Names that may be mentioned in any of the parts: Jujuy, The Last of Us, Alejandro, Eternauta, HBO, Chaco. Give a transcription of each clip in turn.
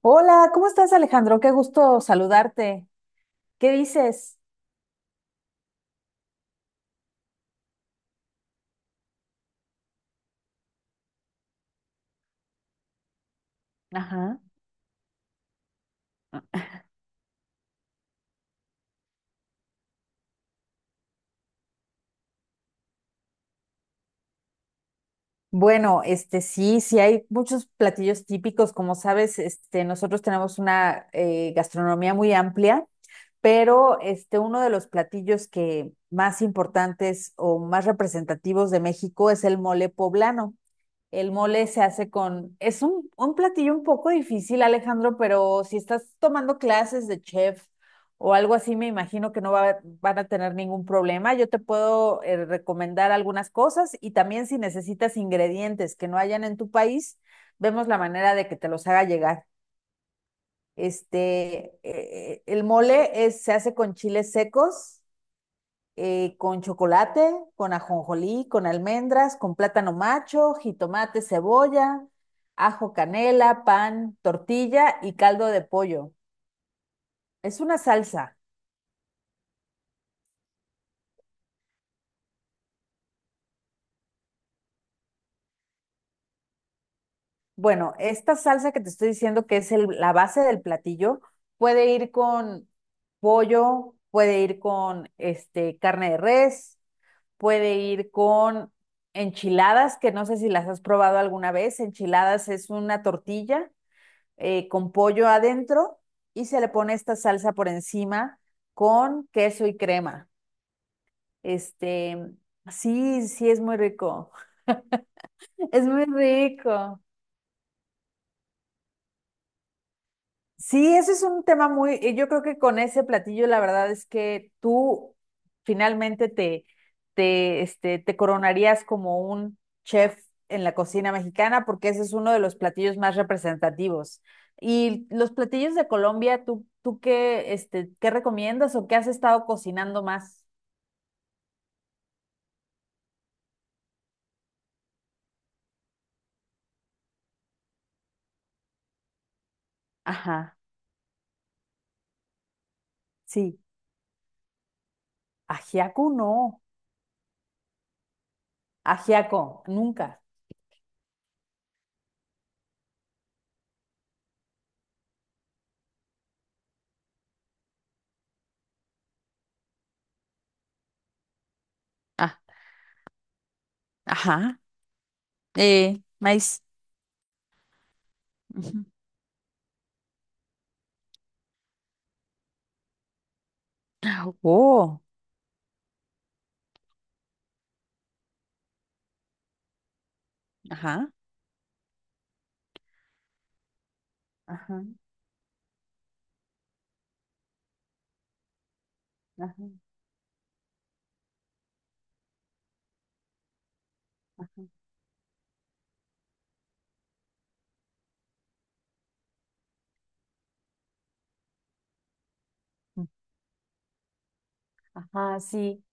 Hola, ¿cómo estás, Alejandro? Qué gusto saludarte. ¿Qué dices? Ajá. Bueno, sí, hay muchos platillos típicos, como sabes, este nosotros tenemos una gastronomía muy amplia, pero este uno de los platillos que más importantes o más representativos de México es el mole poblano. El mole se hace con, es un platillo un poco difícil, Alejandro, pero si estás tomando clases de chef o algo así, me imagino que no va- van a tener ningún problema. Yo te puedo recomendar algunas cosas y también si necesitas ingredientes que no hayan en tu país, vemos la manera de que te los haga llegar. Se hace con chiles secos con chocolate, con ajonjolí, con almendras, con plátano macho, jitomate, cebolla, ajo, canela, pan, tortilla y caldo de pollo. Es una salsa. Bueno, esta salsa que te estoy diciendo que es la base del platillo puede ir con pollo, puede ir con este carne de res, puede ir con enchiladas, que no sé si las has probado alguna vez. Enchiladas es una tortilla con pollo adentro y se le pone esta salsa por encima con queso y crema. Este, sí, sí, es muy rico. Es muy rico. Sí, ese es un tema muy, yo creo que con ese platillo la verdad es que tú finalmente te coronarías como un chef en la cocina mexicana porque ese es uno de los platillos más representativos. Y los platillos de Colombia, ¿tú qué, este, qué recomiendas o qué has estado cocinando más? Ajá, sí. Ajiaco no. Ajiaco, nunca. Ah, ajá. Maíz. Ujú. Oh, ajá. Ajá. Ajá, ajá. Ajá, sí.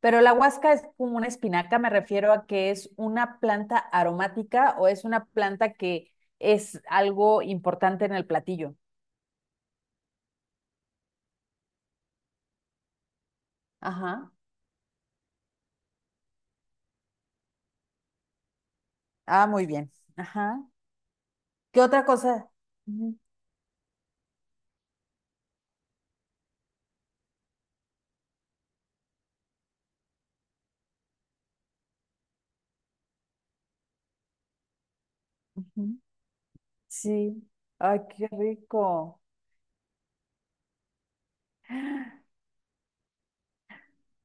Pero la huasca es como una espinaca, me refiero a que es una planta aromática o es una planta que es algo importante en el platillo. Ajá. Ah, muy bien. Ajá. ¿Qué otra cosa? Ujú, ujú. Sí. Ay, qué rico.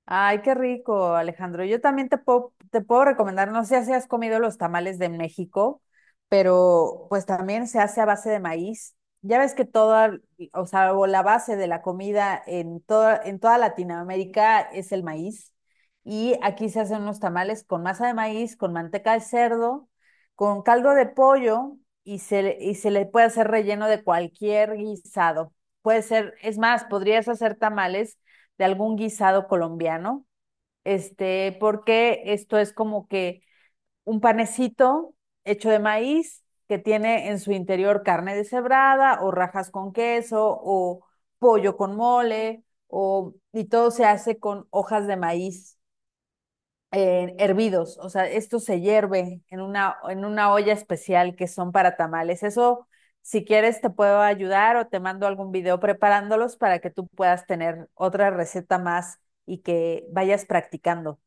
Ay, qué rico, Alejandro. Yo también te puedo recomendar, no sé si has comido los tamales de México, pero pues también se hace a base de maíz. Ya ves que toda, o sea, o la base de la comida en toda Latinoamérica es el maíz. Y aquí se hacen unos tamales con masa de maíz, con manteca de cerdo, con caldo de pollo y se le puede hacer relleno de cualquier guisado. Puede ser, es más, podrías hacer tamales de algún guisado colombiano, este, porque esto es como que un panecito hecho de maíz que tiene en su interior carne deshebrada o rajas con queso o pollo con mole o, y todo se hace con hojas de maíz hervidos, o sea, esto se hierve en una olla especial que son para tamales. Eso, si quieres, te puedo ayudar o te mando algún video preparándolos para que tú puedas tener otra receta más y que vayas practicando.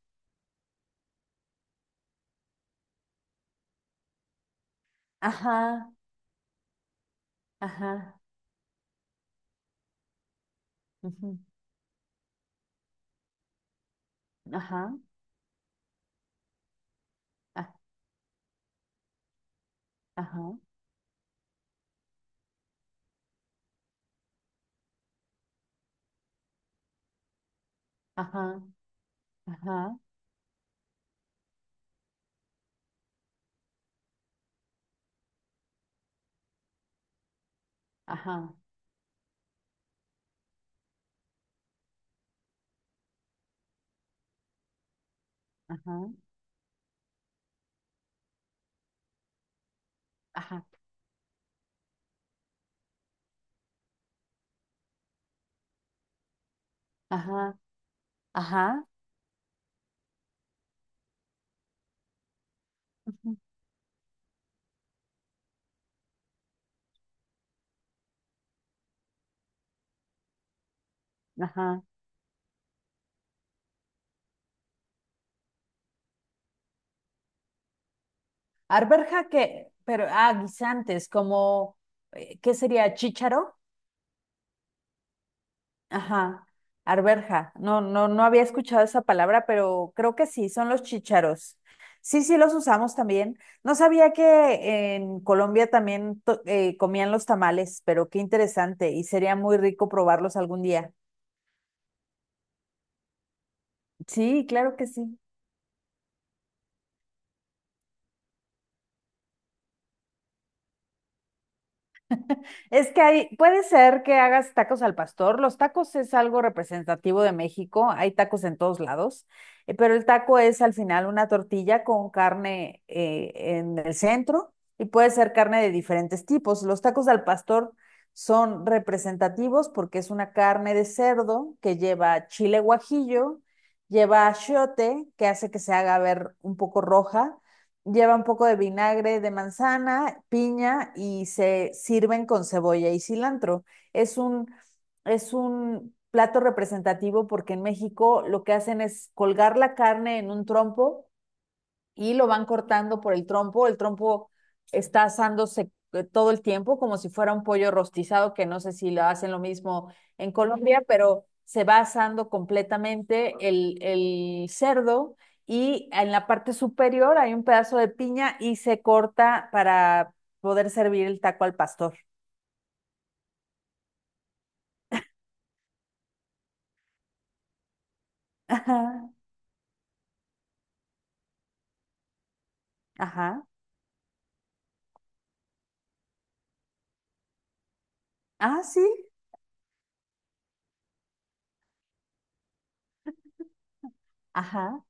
Ajá, ajá, ujú, ajá, a- ajá, ajá, ajá, ajá, ajá, ajá, ajá, ajá, ujú, ajá. Arberja que, pero, ah, guisantes, como, ¿qué sería? ¿Chícharo? Ajá, arberja. No, no, no había escuchado esa palabra, pero creo que sí, son los chícharos. Sí, sí, los usamos también. No sabía que en Colombia también comían los tamales, pero qué interesante y sería muy rico probarlos algún día. Sí, claro que sí. Es que hay, puede ser que hagas tacos al pastor. Los tacos es algo representativo de México. Hay tacos en todos lados, pero el taco es al final una tortilla con carne en el centro y puede ser carne de diferentes tipos. Los tacos al pastor son representativos porque es una carne de cerdo que lleva chile guajillo, lleva achiote, que hace que se haga ver un poco roja. Lleva un poco de vinagre de manzana, piña y se sirven con cebolla y cilantro. Es un, es un plato representativo porque en México lo que hacen es colgar la carne en un trompo y lo van cortando por el trompo. El trompo está asándose todo el tiempo como si fuera un pollo rostizado, que no sé si lo hacen lo mismo en Colombia, pero se va asando completamente el cerdo y en la parte superior hay un pedazo de piña y se corta para poder servir el taco al pastor. Ajá, ajá. Ah, sí. Ajá,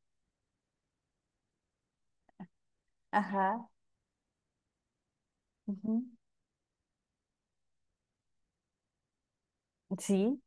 ajá. Ujú. Sí.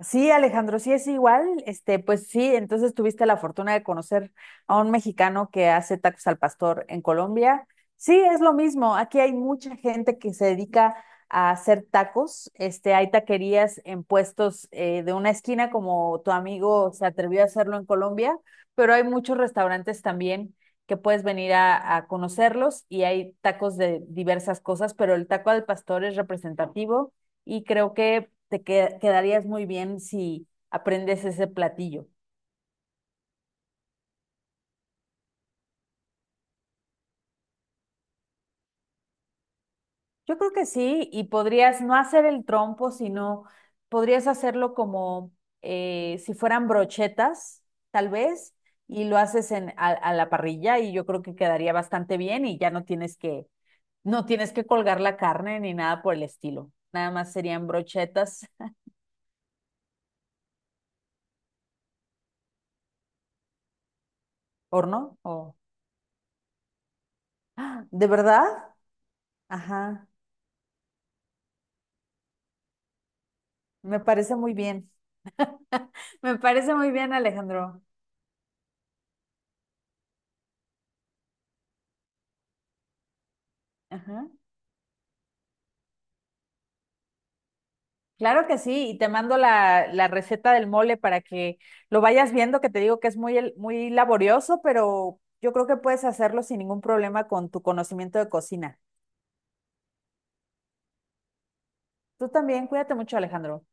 Sí, Alejandro, sí es igual. Este, pues sí, entonces tuviste la fortuna de conocer a un mexicano que hace tacos al pastor en Colombia. Sí, es lo mismo. Aquí hay mucha gente que se dedica a hacer tacos. Este, hay taquerías en puestos de una esquina, como tu amigo se atrevió a hacerlo en Colombia, pero hay muchos restaurantes también que puedes venir a conocerlos y hay tacos de diversas cosas, pero el taco al pastor es representativo y creo que quedarías muy bien si aprendes ese platillo. Yo creo que sí, y podrías no hacer el trompo, sino podrías hacerlo como si fueran brochetas, tal vez, y lo haces a la parrilla y yo creo que quedaría bastante bien y ya no tienes que, no tienes que colgar la carne ni nada por el estilo. Nada más serían brochetas. Horno o... ¿De verdad? Ajá, me parece muy bien. Me parece muy bien, Alejandro. Ajá. Claro que sí, y te mando la receta del mole para que lo vayas viendo, que te digo que es muy, muy laborioso, pero yo creo que puedes hacerlo sin ningún problema con tu conocimiento de cocina. Tú también, cuídate mucho, Alejandro.